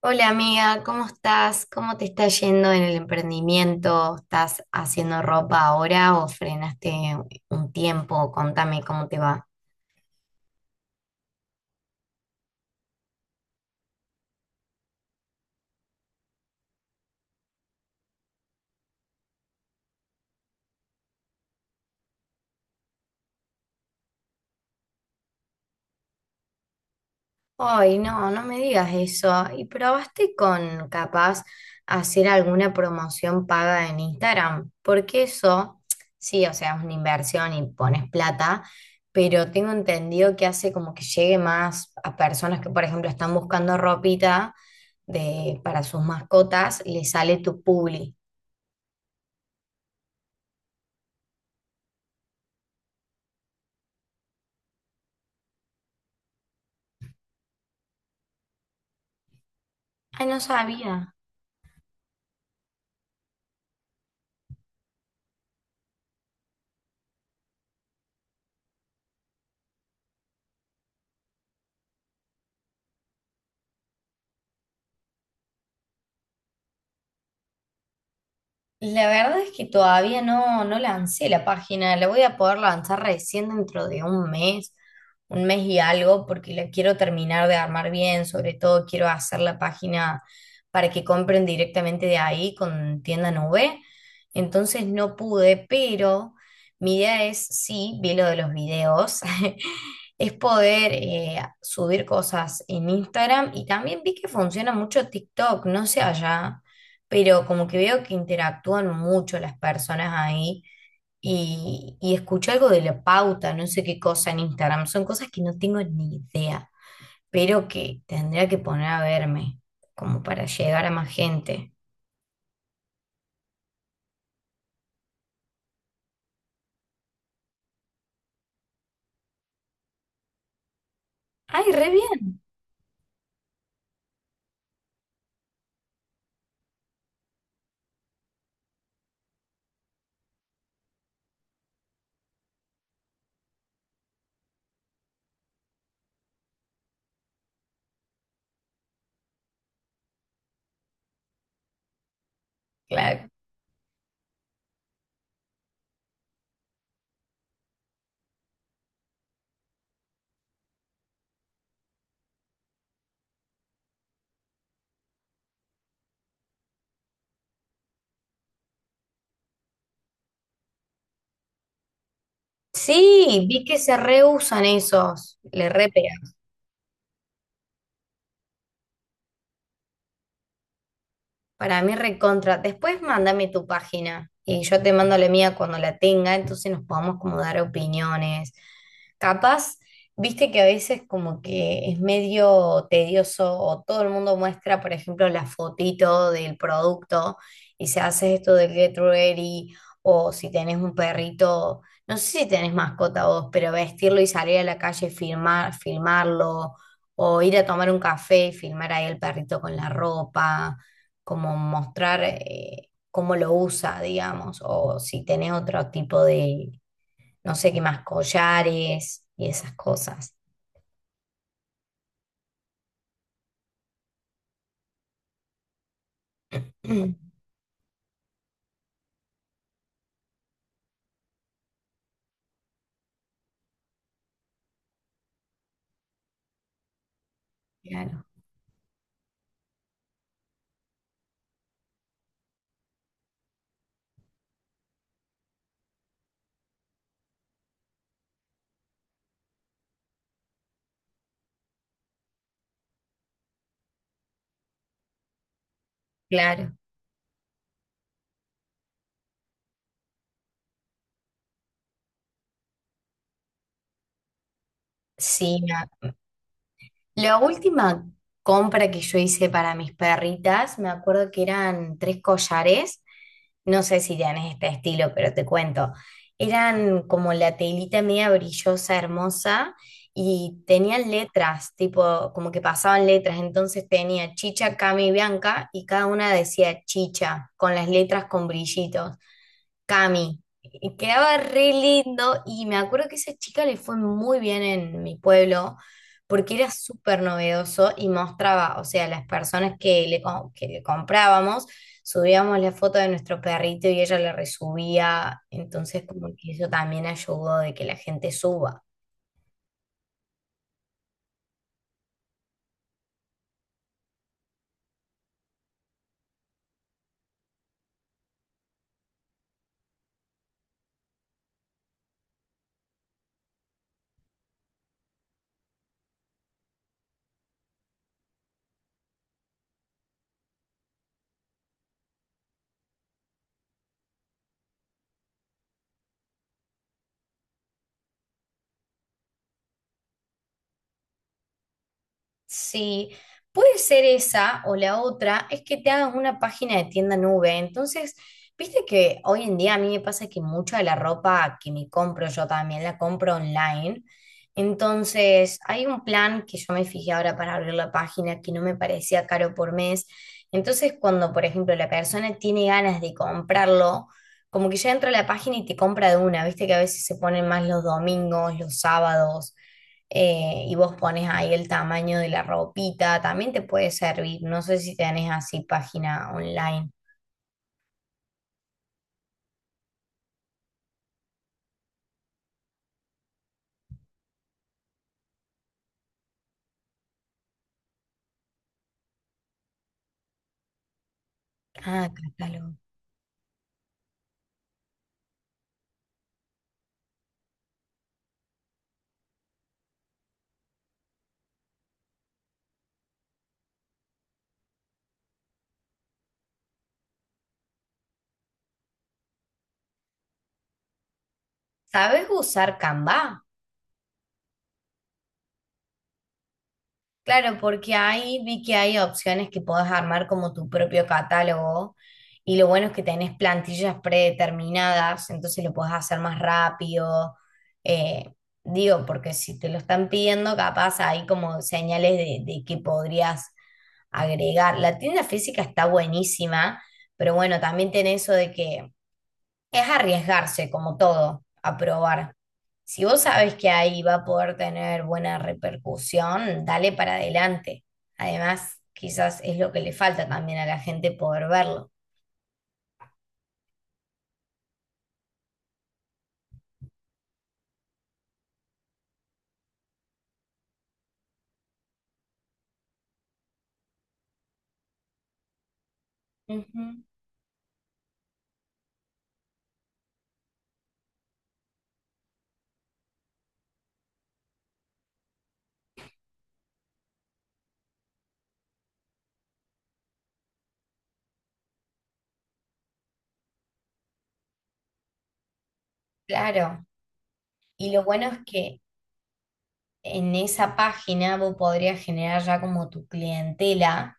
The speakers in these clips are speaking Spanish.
Hola amiga, ¿cómo estás? ¿Cómo te está yendo en el emprendimiento? ¿Estás haciendo ropa ahora o frenaste un tiempo? Contame cómo te va. Ay, no, no me digas eso. ¿Y probaste con capaz hacer alguna promoción paga en Instagram? Porque eso, sí, o sea, es una inversión y pones plata, pero tengo entendido que hace como que llegue más a personas que, por ejemplo, están buscando ropita para sus mascotas, les sale tu publi. Ay, no sabía. La verdad es que todavía no, no lancé la página, la voy a poder lanzar recién dentro de un mes y algo, porque la quiero terminar de armar bien. Sobre todo quiero hacer la página para que compren directamente de ahí con tienda nube, entonces no pude. Pero mi idea es, sí, vi lo de los videos, es poder subir cosas en Instagram, y también vi que funciona mucho TikTok, no sé allá, pero como que veo que interactúan mucho las personas ahí. Y escuché algo de la pauta, no sé qué cosa en Instagram, son cosas que no tengo ni idea, pero que tendría que poner a verme como para llegar a más gente. ¡Ay, re bien! Claro. Sí, vi que se reusan esos, le re pega. Para mí recontra. Después mándame tu página y yo te mando la mía cuando la tenga, entonces nos podamos como dar opiniones. Capaz, viste que a veces como que es medio tedioso, o todo el mundo muestra, por ejemplo, la fotito del producto y se hace esto del Get Ready, o si tenés un perrito, no sé si tenés mascota vos, pero vestirlo y salir a la calle y filmar, filmarlo, o ir a tomar un café y filmar ahí el perrito con la ropa, como mostrar cómo lo usa, digamos, o si tenés otro tipo de, no sé qué más, collares y esas cosas. Claro, claro. Sí, la última compra que yo hice para mis perritas, me acuerdo que eran tres collares, no sé si tenés este estilo, pero te cuento. Eran como la telita media brillosa, hermosa, y tenían letras, tipo, como que pasaban letras. Entonces tenía Chicha, Cami y Bianca, y cada una decía Chicha, con las letras con brillitos. Cami. Y quedaba re lindo, y me acuerdo que esa chica le fue muy bien en mi pueblo porque era súper novedoso y mostraba, o sea, las personas que que le comprábamos, subíamos la foto de nuestro perrito y ella la resubía, entonces como que eso también ayudó de que la gente suba. Sí, puede ser esa o la otra, es que te hagas una página de tienda nube. Entonces, viste que hoy en día a mí me pasa que mucha de la ropa que me compro yo también la compro online. Entonces, hay un plan que yo me fijé ahora para abrir la página que no me parecía caro por mes. Entonces, cuando, por ejemplo, la persona tiene ganas de comprarlo, como que ya entra a la página y te compra de una, viste que a veces se ponen más los domingos, los sábados. Y vos pones ahí el tamaño de la ropita, también te puede servir. No sé si tenés así página online. Ah, catálogo. ¿Sabes usar Canva? Claro, porque ahí vi que hay opciones que podés armar como tu propio catálogo, y lo bueno es que tenés plantillas predeterminadas, entonces lo podés hacer más rápido. Eh, Digo, porque si te lo están pidiendo, capaz hay como señales de que podrías agregar. La tienda física está buenísima, pero bueno, también tiene eso de que es arriesgarse, como todo, a probar. Si vos sabes que ahí va a poder tener buena repercusión, dale para adelante. Además, quizás es lo que le falta también a la gente poder verlo. Ujú. Claro. Y lo bueno es que en esa página vos podrías generar ya como tu clientela.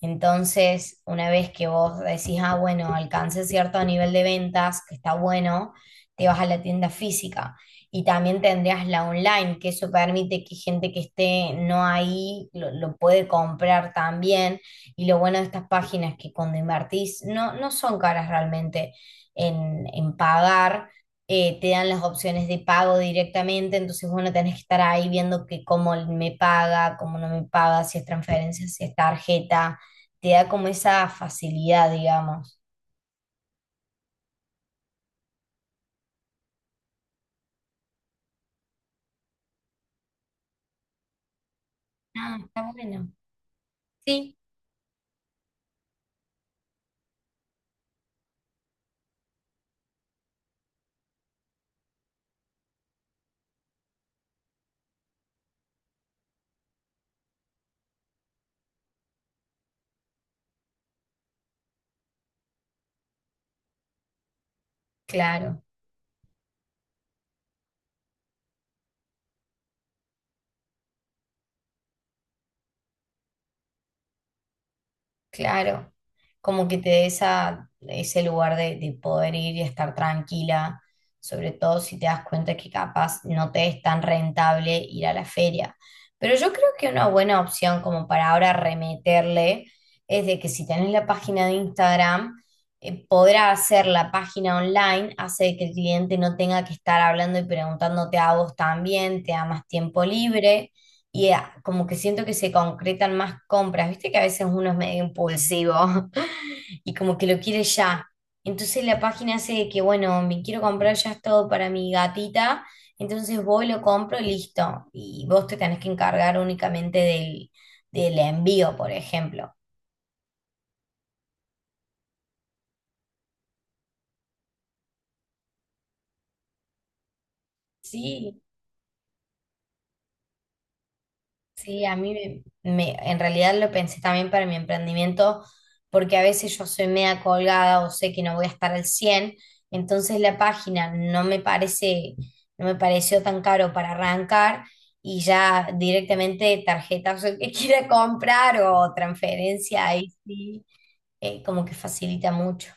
Entonces, una vez que vos decís, ah, bueno, alcancé cierto nivel de ventas, que está bueno, te vas a la tienda física. Y también tendrías la online, que eso permite que gente que esté no ahí lo puede comprar también. Y lo bueno de estas páginas es que cuando invertís, no, no son caras realmente en pagar. Te dan las opciones de pago directamente, entonces bueno, tenés que estar ahí viendo que cómo me paga, cómo no me paga, si es transferencia, si es tarjeta, te da como esa facilidad, digamos. Ah, está bueno. Sí, claro. Claro, como que te dé esa, ese lugar de poder ir y estar tranquila, sobre todo si te das cuenta que capaz no te es tan rentable ir a la feria. Pero yo creo que una buena opción como para ahora remeterle es de que si tenés la página de Instagram, podrá hacer la página online, hace que el cliente no tenga que estar hablando y preguntándote a vos también, te da más tiempo libre y como que siento que se concretan más compras, viste que a veces uno es medio impulsivo y como que lo quiere ya. Entonces la página hace de que, bueno, me quiero comprar ya todo para mi gatita, entonces voy, lo compro y listo. Y vos te tenés que encargar únicamente del envío, por ejemplo. Sí, sí, a mí en realidad lo pensé también para mi emprendimiento, porque a veces yo soy media colgada o sé que no voy a estar al 100, entonces la página no me parece, no me pareció tan caro para arrancar, y ya directamente tarjetas el que quiera comprar o transferencia, ahí sí, como que facilita mucho.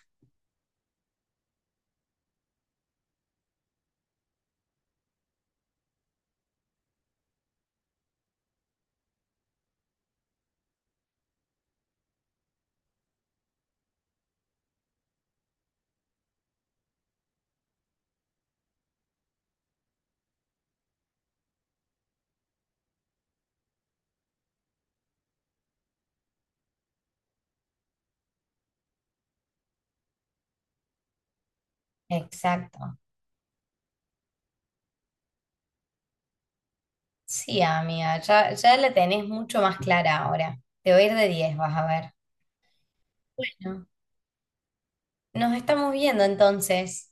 Exacto. Sí, amiga, ya, ya la tenés mucho más clara ahora. Te voy a ir de 10, vas a ver. Bueno, nos estamos viendo entonces.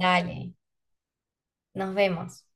Dale, nos vemos.